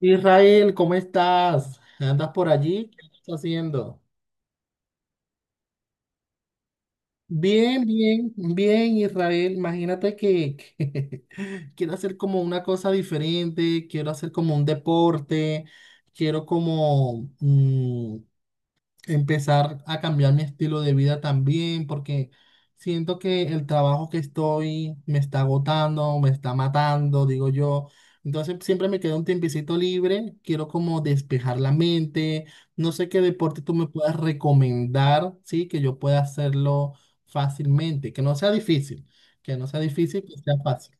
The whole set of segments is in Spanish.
Israel, ¿cómo estás? ¿Andas por allí? ¿Qué estás haciendo? Bien, bien, bien, Israel. Imagínate que quiero hacer como una cosa diferente, quiero hacer como un deporte, quiero como, empezar a cambiar mi estilo de vida también, porque siento que el trabajo que estoy me está agotando, me está matando, digo yo. Entonces siempre me queda un tiempecito libre, quiero como despejar la mente, no sé qué deporte tú me puedas recomendar, ¿sí? Que yo pueda hacerlo fácilmente, que no sea difícil, que no sea difícil, que sea fácil.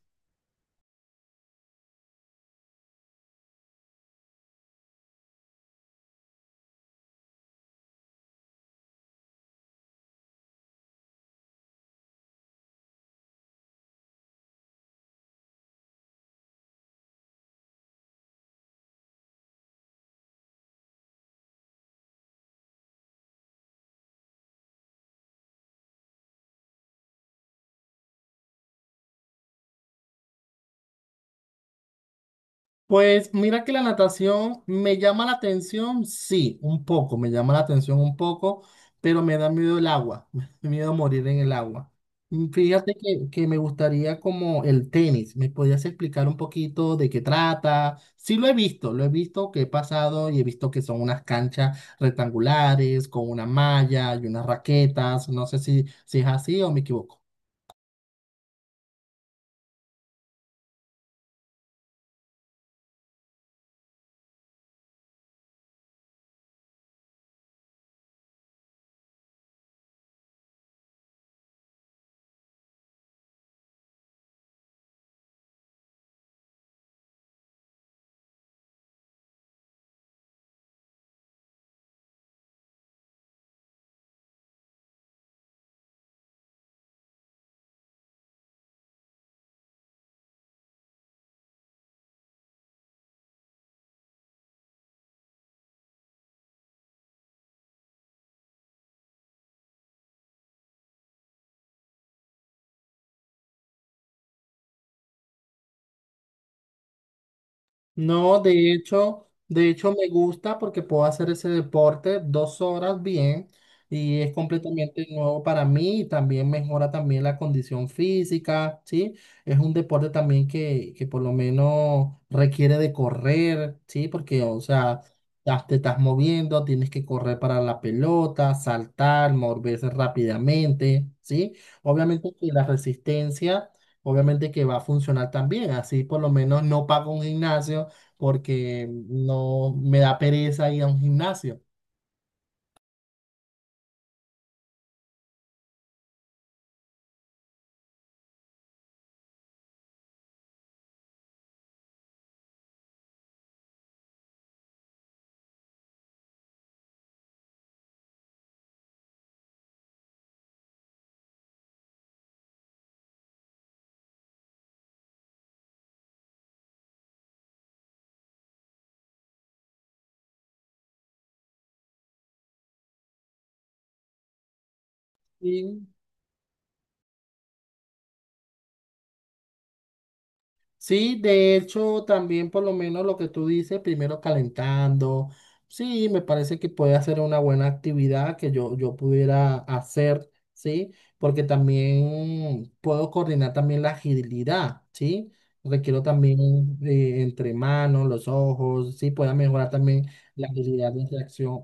Pues mira que la natación me llama la atención, sí, un poco, me llama la atención un poco, pero me da miedo el agua, me da miedo morir en el agua. Fíjate que me gustaría como el tenis, ¿me podías explicar un poquito de qué trata? Sí lo he visto que he pasado y he visto que son unas canchas rectangulares con una malla y unas raquetas, no sé si es así o me equivoco. No, de hecho, me gusta porque puedo hacer ese deporte 2 horas bien y es completamente nuevo para mí y también mejora también la condición física, ¿sí? Es un deporte también que por lo menos requiere de correr, ¿sí? Porque, o sea, ya te estás moviendo, tienes que correr para la pelota, saltar, moverse rápidamente, ¿sí? Obviamente que la resistencia... Obviamente que va a funcionar también, así por lo menos no pago un gimnasio, porque no me da pereza ir a un gimnasio. Y sí, de hecho, también por lo menos lo que tú dices, primero calentando, sí, me parece que puede hacer una buena actividad que yo pudiera hacer, sí, porque también puedo coordinar también la agilidad, sí. Requiero también entre manos, los ojos, sí, pueda mejorar también la agilidad de reacción.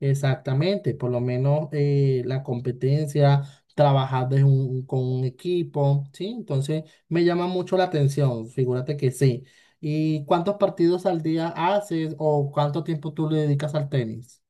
Exactamente, por lo menos la competencia, trabajar con un equipo, ¿sí? Entonces me llama mucho la atención, figúrate que sí. ¿Y cuántos partidos al día haces o cuánto tiempo tú le dedicas al tenis?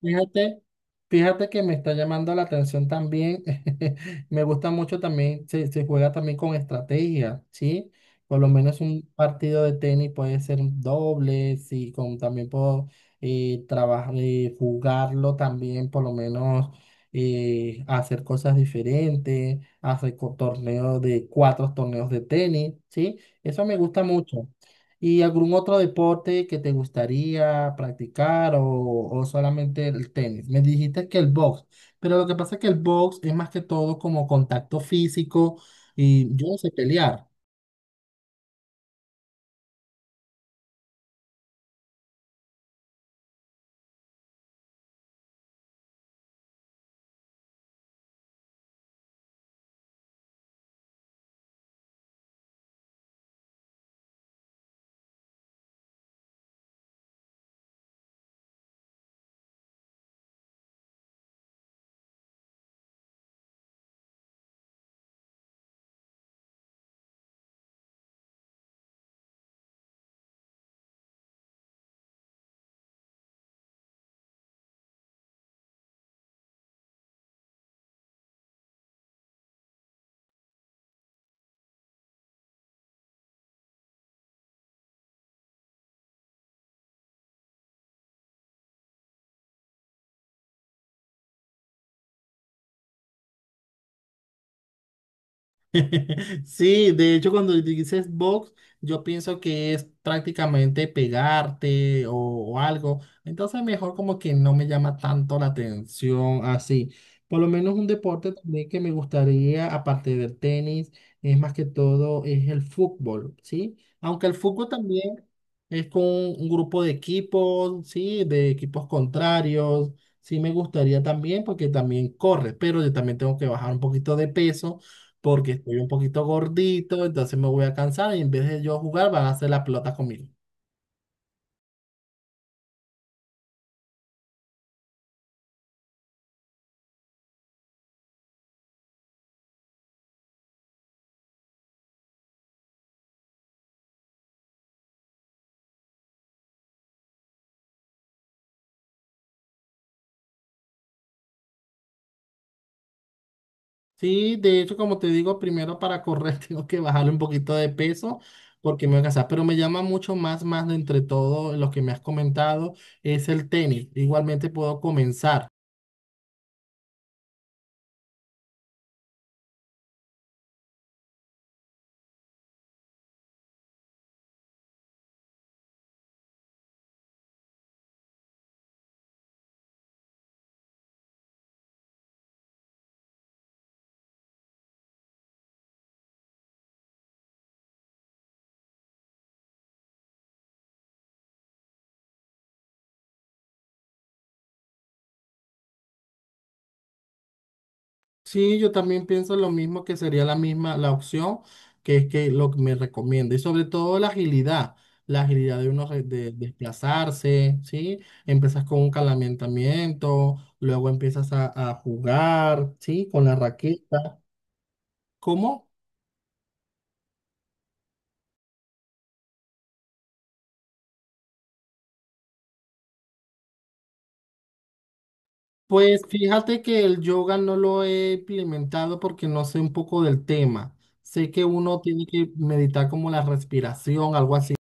Fíjate, fíjate que me está llamando la atención también. Me gusta mucho también, se juega también con estrategia, ¿sí? Por lo menos un partido de tenis puede ser un doble, sí, también puedo trabajar, jugarlo también, por lo menos hacer cosas diferentes, torneos de cuatro torneos de tenis, ¿sí? Eso me gusta mucho. ¿Y algún otro deporte que te gustaría practicar o solamente el tenis? Me dijiste que el box, pero lo que pasa es que el box es más que todo como contacto físico y yo no sé pelear. Sí, de hecho, cuando dices box, yo pienso que es prácticamente pegarte o algo. Entonces, mejor como que no me llama tanto la atención así. Por lo menos un deporte también que me gustaría, aparte del tenis, es más que todo, es el fútbol, ¿sí? Aunque el fútbol también es con un grupo de equipos, ¿sí? De equipos contrarios. Sí, me gustaría también, porque también corre, pero yo también tengo que bajar un poquito de peso porque estoy un poquito gordito, entonces me voy a cansar y en vez de yo jugar van a hacer la pelota conmigo. Sí, de hecho, como te digo, primero para correr tengo que bajarle un poquito de peso porque me voy a cansar, pero me llama mucho más, más de entre todo lo que me has comentado es el tenis. Igualmente puedo comenzar. Sí, yo también pienso lo mismo que sería la misma, la opción que es que lo que me recomienda y sobre todo la agilidad de uno desplazarse, ¿sí? Empiezas con un calentamiento, luego empiezas a jugar, ¿sí? Con la raqueta. ¿Cómo? Pues fíjate que el yoga no lo he implementado porque no sé un poco del tema. Sé que uno tiene que meditar como la respiración, algo así.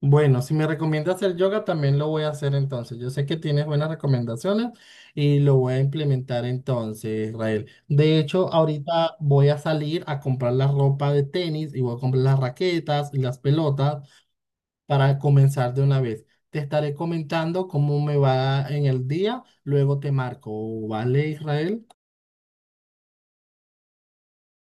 Bueno, si me recomiendas hacer yoga, también lo voy a hacer entonces. Yo sé que tienes buenas recomendaciones y lo voy a implementar entonces, Israel. De hecho, ahorita voy a salir a comprar la ropa de tenis y voy a comprar las raquetas y las pelotas para comenzar de una vez. Te estaré comentando cómo me va en el día, luego te marco, ¿vale, Israel?